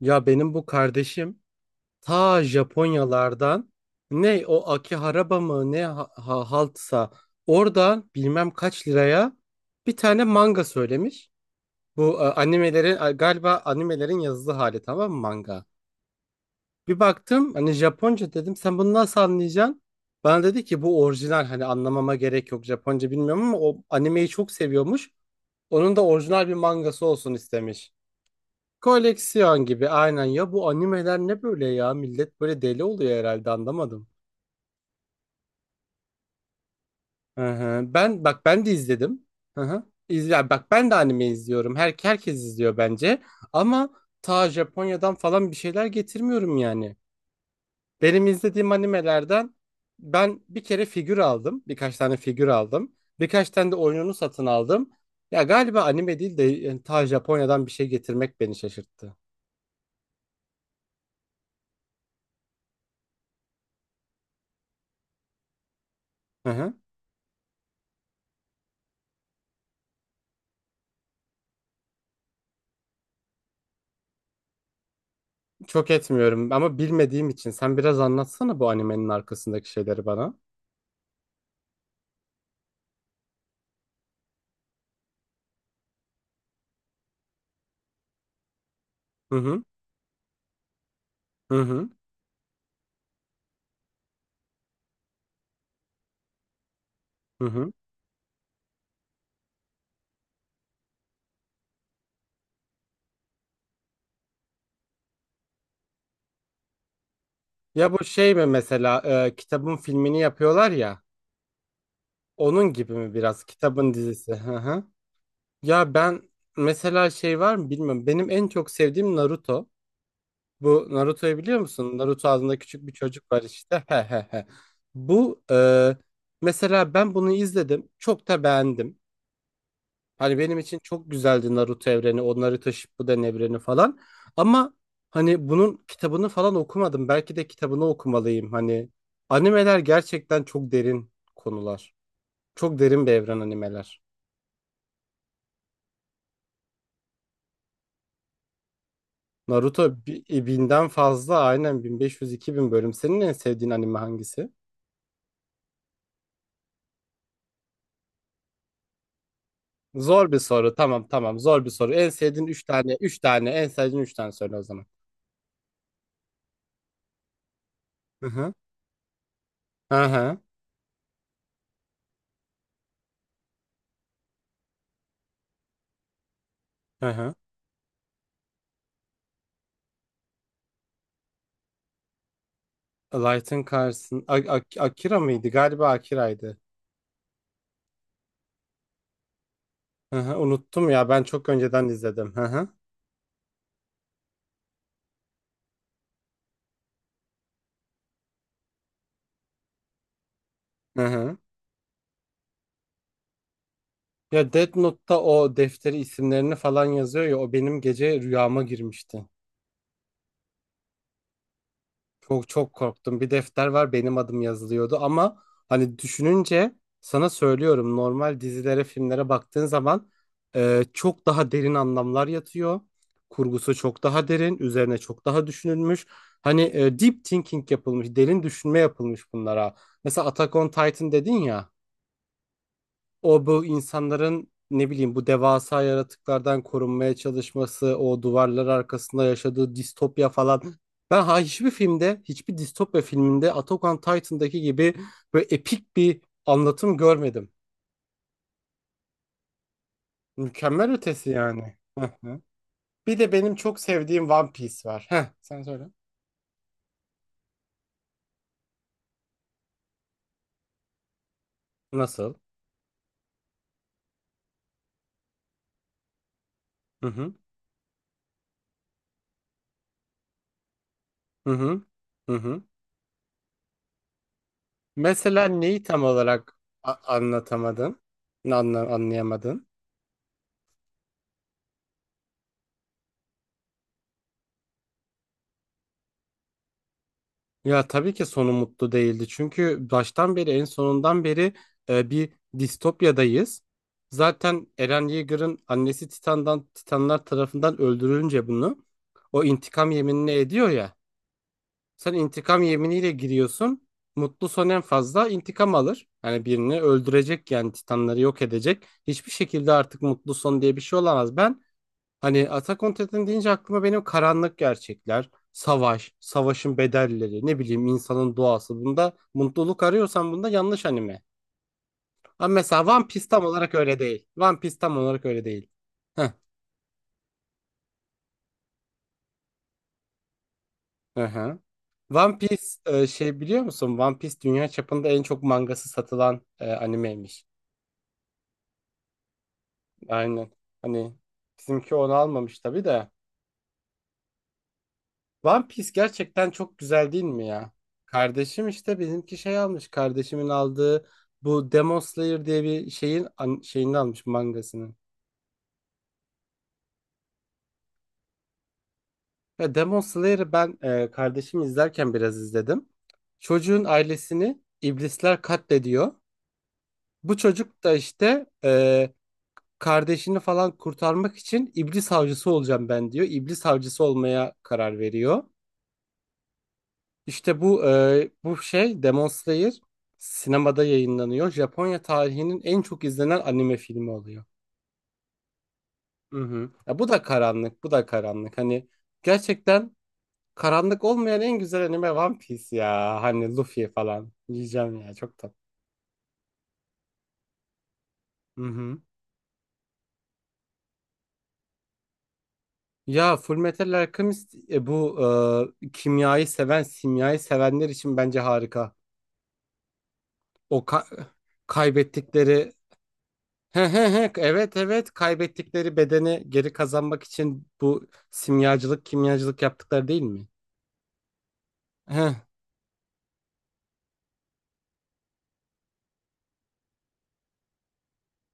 Ya benim bu kardeşim ta Japonyalardan, ne o Akihabara mı ne, haltsa oradan bilmem kaç liraya bir tane manga söylemiş. Bu animelerin, galiba animelerin yazılı hali, tamam mı, manga? Bir baktım, hani Japonca, dedim sen bunu nasıl anlayacaksın? Bana dedi ki bu orijinal, hani anlamama gerek yok, Japonca bilmiyorum ama o animeyi çok seviyormuş. Onun da orijinal bir mangası olsun istemiş. Koleksiyon gibi aynen ya, bu animeler ne böyle ya, millet böyle deli oluyor herhalde, anlamadım. Hı hı. Ben bak, ben de izledim. Hı hı. İzle, bak ben de anime izliyorum. Herkes izliyor bence. Ama ta Japonya'dan falan bir şeyler getirmiyorum yani. Benim izlediğim animelerden ben bir kere figür aldım. Birkaç tane figür aldım. Birkaç tane de oyununu satın aldım. Ya galiba anime değil de, yani ta Japonya'dan bir şey getirmek beni şaşırttı. Hı hı. Çok etmiyorum ama bilmediğim için sen biraz anlatsana bu animenin arkasındaki şeyleri bana. Hı hı, hı hı, hı hı. Ya bu şey mi mesela, kitabın filmini yapıyorlar ya, onun gibi mi biraz, kitabın dizisi? Hı hı. Ya ben mesela şey var mı bilmiyorum. Benim en çok sevdiğim Naruto. Bu Naruto'yu biliyor musun? Naruto adında küçük bir çocuk var işte. He he he. Bu mesela ben bunu izledim. Çok da beğendim. Hani benim için çok güzeldi Naruto evreni, o Naruto Shippuden evreni falan. Ama hani bunun kitabını falan okumadım. Belki de kitabını okumalıyım. Hani animeler gerçekten çok derin konular. Çok derin bir evren animeler. Naruto 1.000'den fazla, aynen 1.500, 2.000 bölüm. Senin en sevdiğin anime hangisi? Zor bir soru. Tamam tamam, zor bir soru. En sevdiğin 3 tane, 3 tane, en sevdiğin 3 tane söyle o zaman. Hı hı. Hı hı. Hı hı. Light'ın karşısında Akira mıydı? Galiba Akira'ydı. Hı hı, unuttum ya, ben çok önceden izledim. Hı hı. Hı hı. Ya Death Note'ta o defteri, isimlerini falan yazıyor ya, o benim gece rüyama girmişti. Çok çok korktum. Bir defter var, benim adım yazılıyordu ama hani düşününce sana söylüyorum, normal dizilere, filmlere baktığın zaman çok daha derin anlamlar yatıyor. Kurgusu çok daha derin, üzerine çok daha düşünülmüş. Hani deep thinking yapılmış, derin düşünme yapılmış bunlara. Mesela Attack on Titan dedin ya. O, bu insanların, ne bileyim, bu devasa yaratıklardan korunmaya çalışması, o duvarlar arkasında yaşadığı distopya falan. Ben ha hiçbir filmde, hiçbir distopya filminde Attack on Titan'daki gibi böyle epik bir anlatım görmedim. Mükemmel ötesi yani. Hı hı. Bir de benim çok sevdiğim One Piece var. Heh, sen söyle. Nasıl? Hı hı. Hı hı. Hı hı. Mesela neyi tam olarak anlatamadın? Anlayamadın? Ya tabii ki sonu mutlu değildi. Çünkü baştan beri, en sonundan beri bir distopyadayız. Zaten Eren Yeager'ın annesi Titanlar tarafından öldürülünce bunu o intikam yeminini ediyor ya. Sen intikam yeminiyle giriyorsun. Mutlu son en fazla intikam alır. Yani birini öldürecek, yani Titanları yok edecek. Hiçbir şekilde artık mutlu son diye bir şey olamaz. Ben hani Attack on Titan deyince aklıma benim karanlık gerçekler, savaş, savaşın bedelleri, ne bileyim, insanın doğası. Bunda mutluluk arıyorsan bunda yanlış anime. Ama mesela One Piece tam olarak öyle değil. One Piece tam olarak öyle değil. Heh, hı hı. One Piece, şey biliyor musun? One Piece dünya çapında en çok mangası satılan animeymiş. Aynen. Hani bizimki onu almamış tabii de. One Piece gerçekten çok güzel değil mi ya? Kardeşim işte bizimki şey almış. Kardeşimin aldığı bu Demon Slayer diye bir şeyin şeyini almış, mangasını. Ya Demon Slayer'ı ben, kardeşim izlerken biraz izledim. Çocuğun ailesini iblisler katlediyor. Bu çocuk da işte kardeşini falan kurtarmak için iblis avcısı olacağım ben diyor. İblis avcısı olmaya karar veriyor. İşte bu şey Demon Slayer sinemada yayınlanıyor. Japonya tarihinin en çok izlenen anime filmi oluyor. Hı hı. Ya bu da karanlık, bu da karanlık. Hani gerçekten karanlık olmayan en güzel anime One Piece ya. Hani Luffy falan diyeceğim ya, çok tatlı. Hı hı. Ya Fullmetal Alchemist, bu kimyayı seven, simyayı sevenler için bence harika. O ka- kaybettikleri, he he he. Evet evet, kaybettikleri bedeni geri kazanmak için bu simyacılık, kimyacılık yaptıkları değil mi? He.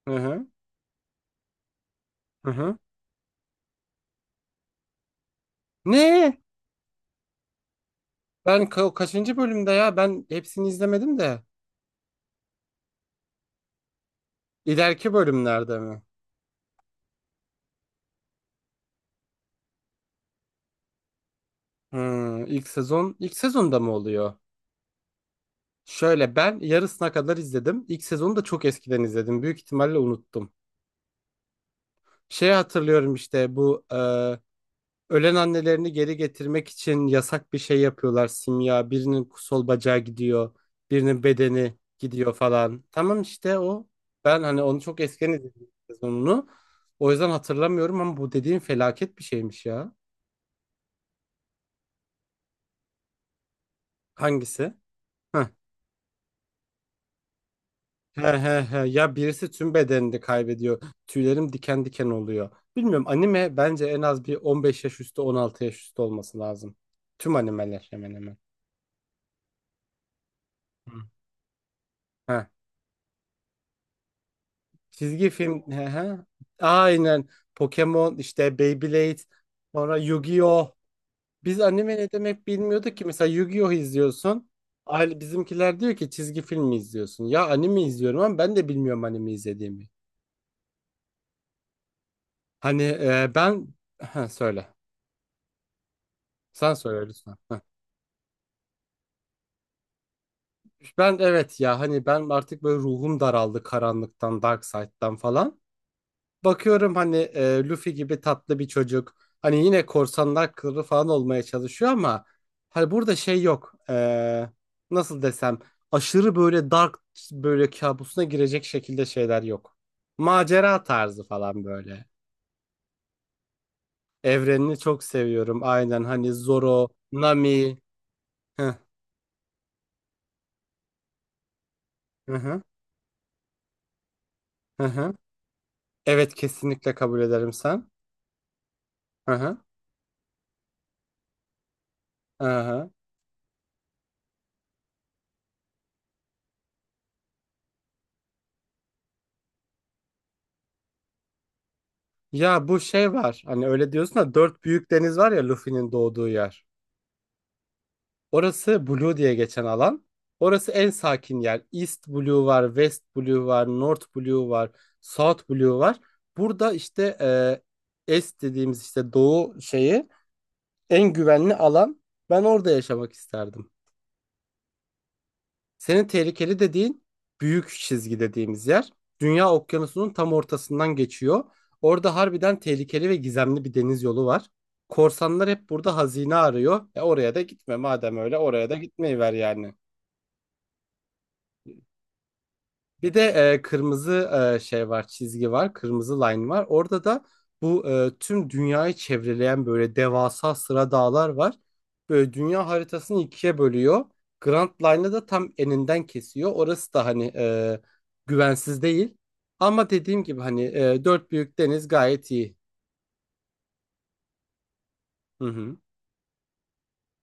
Hı hı. Hı hı. Ne? Ben kaçıncı bölümde ya? Ben hepsini izlemedim de. İleriki bölümlerde mi? Hı, ilk sezonda mı oluyor? Şöyle, ben yarısına kadar izledim. İlk sezonu da çok eskiden izledim. Büyük ihtimalle unuttum. Şey hatırlıyorum, işte bu ölen annelerini geri getirmek için yasak bir şey yapıyorlar, simya. Birinin sol bacağı gidiyor, birinin bedeni gidiyor falan. Tamam, işte o. Ben hani onu çok eskiden izledim sezonunu. O yüzden hatırlamıyorum ama bu dediğin felaket bir şeymiş ya. Hangisi? Heh. He he he. Ya birisi tüm bedenini kaybediyor. Tüylerim diken diken oluyor. Bilmiyorum, anime bence en az bir 15 yaş üstü, 16 yaş üstü olması lazım. Tüm animeler hemen hemen. Hı. He, çizgi film. He he. Aynen. Pokemon, işte Beyblade. Sonra Yu-Gi-Oh. Biz anime ne demek bilmiyorduk ki. Mesela Yu-Gi-Oh izliyorsun. Aile, bizimkiler diyor ki çizgi film mi izliyorsun? Ya anime izliyorum ama ben de bilmiyorum anime izlediğimi. Hani ben. Ha, söyle. Sen söyle lütfen. Heh. Ben evet ya, hani ben artık böyle ruhum daraldı karanlıktan, Dark Side'dan falan. Bakıyorum hani Luffy gibi tatlı bir çocuk. Hani yine korsanlar kralı falan olmaya çalışıyor ama hani burada şey yok. E, nasıl desem, aşırı böyle dark, böyle kabusuna girecek şekilde şeyler yok. Macera tarzı falan böyle. Evrenini çok seviyorum. Aynen, hani Zoro, Nami. Hı hı hı. Hı hı. Evet, kesinlikle kabul ederim sen. Hı hı. Hı hı. Ya bu şey var. Hani öyle diyorsun da, dört büyük deniz var ya, Luffy'nin doğduğu yer. Orası Blue diye geçen alan. Orası en sakin yer. East Blue var, West Blue var, North Blue var, South Blue var. Burada işte Est dediğimiz, işte doğu şeyi, en güvenli alan. Ben orada yaşamak isterdim. Senin tehlikeli dediğin büyük çizgi dediğimiz yer. Dünya okyanusunun tam ortasından geçiyor. Orada harbiden tehlikeli ve gizemli bir deniz yolu var. Korsanlar hep burada hazine arıyor. E, oraya da gitme madem, öyle oraya da gitmeyiver yani. Bir de kırmızı, şey var, çizgi var, kırmızı line var. Orada da bu tüm dünyayı çevreleyen böyle devasa sıra dağlar var. Böyle dünya haritasını ikiye bölüyor. Grand Line'ı da tam eninden kesiyor. Orası da hani güvensiz değil. Ama dediğim gibi hani dört büyük deniz gayet iyi. Hı hı.